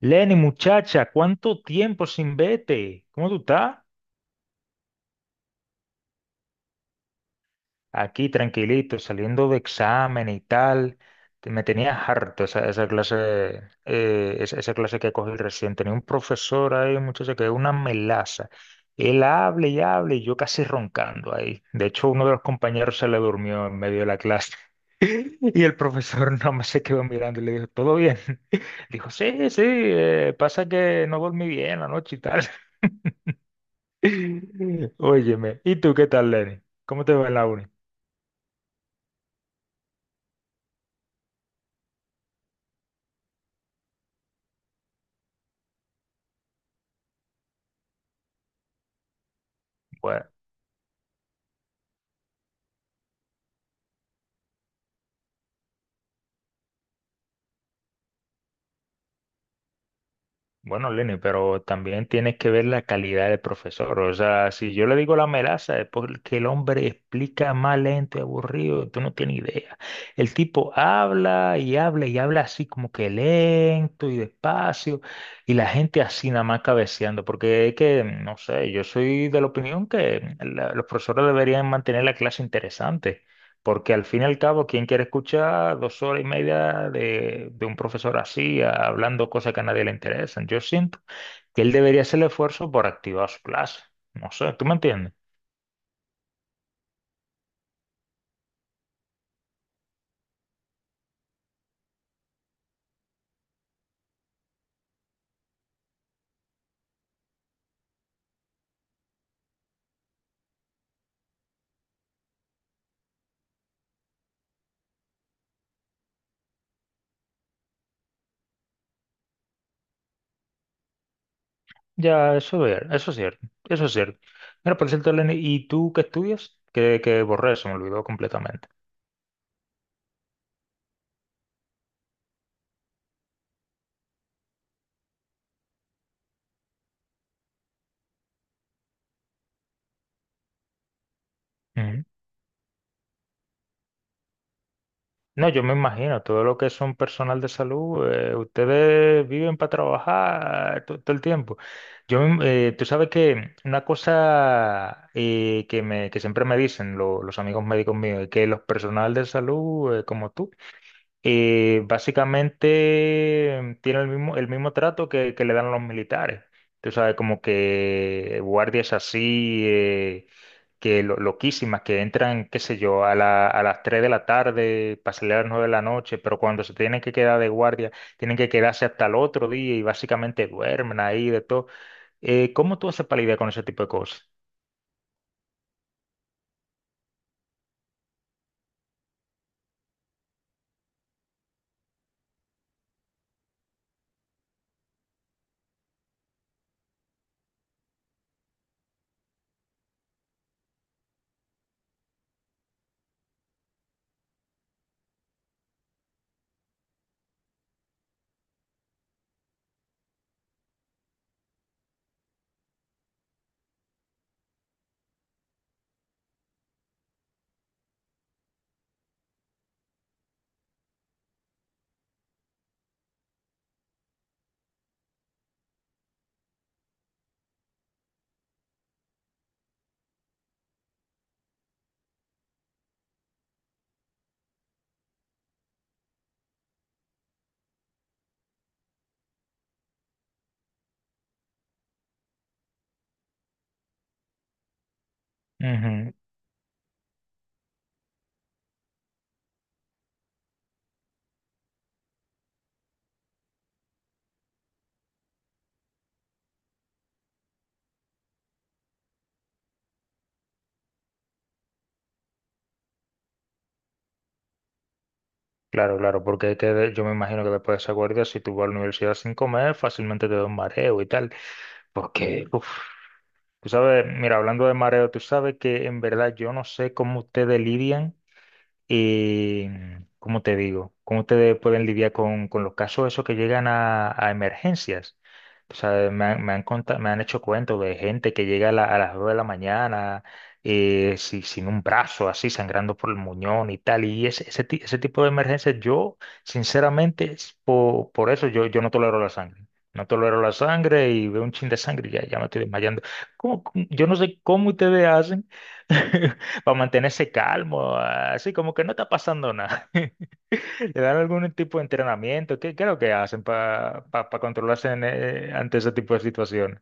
Lenny, muchacha, ¿cuánto tiempo sin vete? ¿Cómo tú estás? Aquí tranquilito, saliendo de examen y tal. Me tenía harto esa clase, esa clase que cogí recién. Tenía un profesor ahí, muchacha, que es una melaza. Él habla y habla y yo casi roncando ahí. De hecho, uno de los compañeros se le durmió en medio de la clase. Y el profesor nada más se quedó mirando y le dijo, ¿todo bien? Dijo, sí, sí, pasa que no dormí bien la noche y tal. Óyeme, ¿y tú qué tal, Lenny? ¿Cómo te va en la uni? Bueno, bueno, Lenny, pero también tienes que ver la calidad del profesor. O sea, si yo le digo la melaza, es porque el hombre explica más lento y aburrido, tú no tienes idea. El tipo habla y habla y habla así como que lento y despacio, y la gente así nada más cabeceando, porque es que, no sé, yo soy de la opinión que los profesores deberían mantener la clase interesante. Porque al fin y al cabo, ¿quién quiere escuchar 2 horas y media de un profesor así, hablando cosas que a nadie le interesan? Yo siento que él debería hacer el esfuerzo por activar su clase. No sé, ¿tú me entiendes? Ya, eso es cierto, eso es cierto. Mira, por cierto, Lenny, ¿y tú qué estudias? Que borré, se me olvidó completamente. No, yo me imagino, todo lo que son personal de salud, ustedes viven para trabajar todo, el tiempo. Tú sabes que una cosa que siempre me dicen los amigos médicos míos es que los personal de salud, como tú, y básicamente tiene el mismo trato que le dan a los militares. Tú sabes, como que guardias así, que loquísimas, que entran, qué sé yo, a las 3 de la tarde para salir a las 9 de la noche, pero cuando se tienen que quedar de guardia, tienen que quedarse hasta el otro día y básicamente duermen ahí de todo. ¿Cómo tú haces para lidiar con ese tipo de cosas? Ujú. Claro, claro, porque hay yo me imagino que después de esa guardia, si tú vas a la universidad sin comer, fácilmente te da un mareo y tal. Porque, uf, tú sabes, mira, hablando de mareo, tú sabes que en verdad yo no sé cómo ustedes lidian. Y, ¿cómo te digo? ¿Cómo ustedes pueden lidiar con los casos esos que llegan a emergencias? O sea, me han hecho cuentos de gente que llega a las 2 de la mañana sin un brazo, así sangrando por el muñón y tal. Y ese tipo de emergencias, yo, sinceramente, es por, eso yo no tolero la sangre. No tolero la sangre y veo un chin de sangre y ya me estoy desmayando. ¿Cómo? Yo no sé cómo ustedes hacen para mantenerse calmo, así como que no está pasando nada. ¿Le dan algún tipo de entrenamiento? ¿Qué es lo que hacen para controlarse ante ese tipo de situaciones?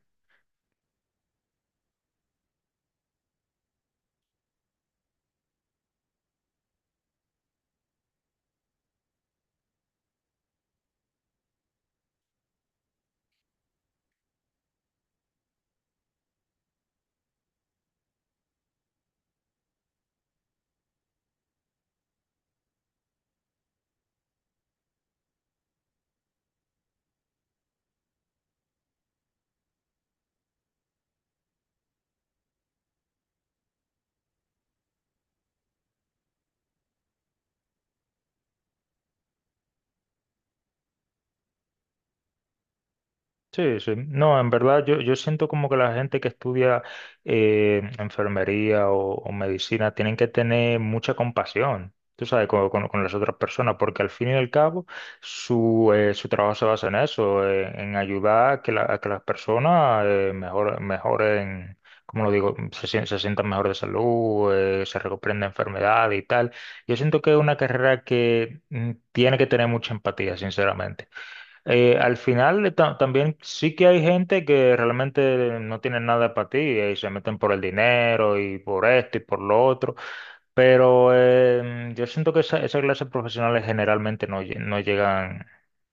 Sí, sí. No, en verdad yo, siento como que la gente que estudia enfermería o medicina tienen que tener mucha compasión, tú sabes, con las otras personas, porque al fin y al cabo su trabajo se basa en eso, en ayudar a que, a que las personas mejoren, como lo digo, se sientan mejor de salud, se recuperen de enfermedades y tal. Yo siento que es una carrera que tiene que tener mucha empatía, sinceramente. Al final también sí que hay gente que realmente no tiene nada para ti, y se meten por el dinero y por esto y por lo otro, pero yo siento que esa clase de profesionales generalmente no llegan,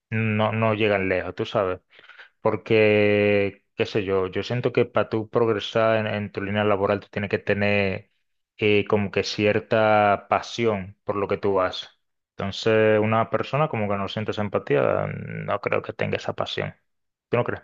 no llegan lejos, tú sabes. Porque, qué sé yo, yo siento que para tú progresar en tu línea laboral, tú tienes que tener como que cierta pasión por lo que tú haces. Entonces, una persona como que no siente esa empatía, no creo que tenga esa pasión. ¿Tú no crees?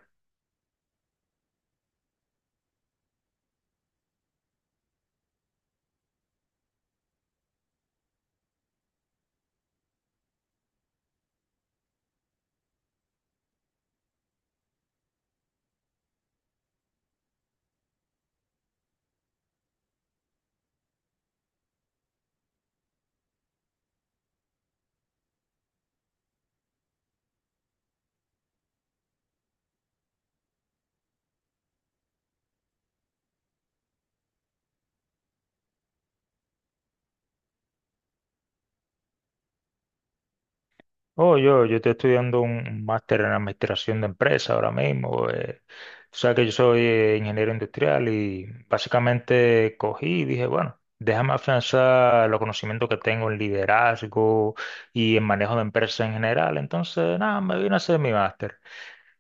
Oh, yo estoy estudiando un máster en administración de empresas ahora mismo. Tú sabes que yo soy ingeniero industrial y básicamente cogí y dije, bueno, déjame afianzar los conocimientos que tengo en liderazgo y en manejo de empresas en general. Entonces, nada, me vine a hacer mi máster.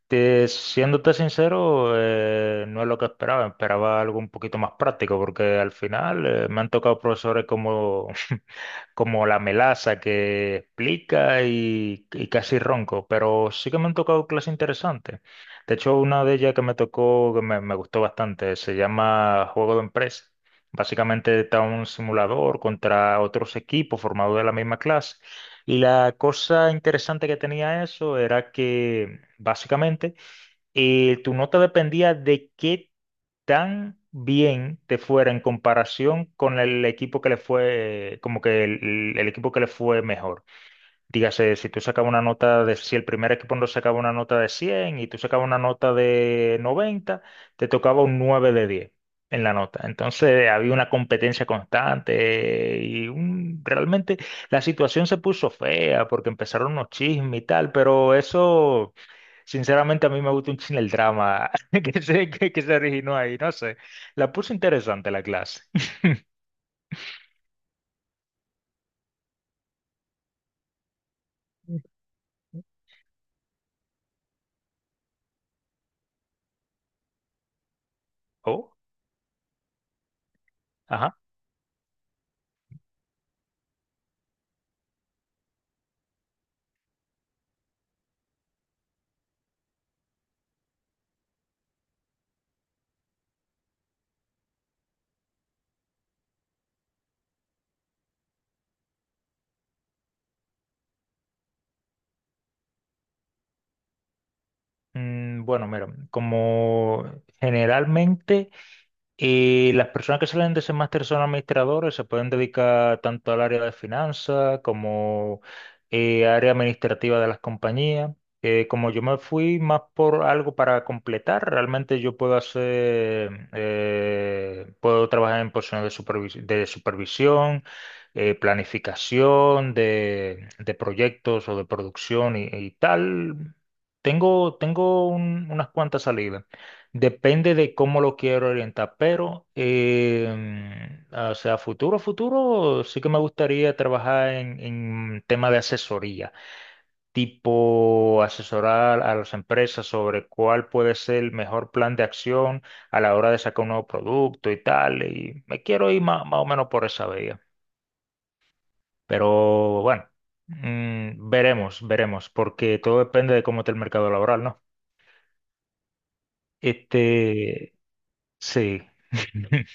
Siéndote sincero, no es lo que esperaba. Esperaba algo un poquito más práctico porque al final me han tocado profesores como como la melaza que explica y casi ronco, pero sí que me han tocado clases interesantes. De hecho, una de ellas que me tocó, que me gustó bastante, se llama Juego de Empresa. Básicamente está un simulador contra otros equipos formados de la misma clase. Y la cosa interesante que tenía eso era que básicamente tu nota dependía de qué tan bien te fuera en comparación con el equipo que le fue, como que el equipo que le fue mejor. Dígase, si tú sacabas si el primer equipo no sacaba una nota de 100 y tú sacabas una nota de 90, te tocaba un 9 de 10 en la nota. Entonces había una competencia constante y realmente la situación se puso fea porque empezaron unos chismes y tal, pero eso, sinceramente, a mí me gusta un chin el drama que se originó ahí, no sé. La puso interesante la clase. Oh, ajá. Bueno, mira, como generalmente y las personas que salen de ese máster son administradores, se pueden dedicar tanto al área de finanzas como área administrativa de las compañías. Como yo me fui más por algo para completar, realmente yo puedo puedo trabajar en posiciones de de supervisión, planificación de proyectos o de producción y tal. Tengo unas cuantas salidas. Depende de cómo lo quiero orientar, pero, o sea, futuro, futuro, sí que me gustaría trabajar en tema de asesoría, tipo asesorar a las empresas sobre cuál puede ser el mejor plan de acción a la hora de sacar un nuevo producto y tal, y me quiero ir más o menos por esa vía, pero bueno, veremos, veremos, porque todo depende de cómo está el mercado laboral, ¿no? Este, sí.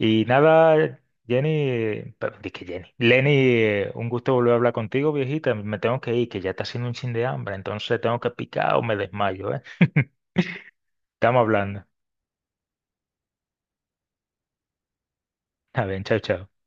Y nada, Jenny, perdón, que Jenny, Lenny, un gusto volver a hablar contigo, viejita. Me tengo que ir, que ya está haciendo un chin de hambre, entonces tengo que picar o me desmayo, ¿eh? Estamos hablando. Está bien, chao, chao.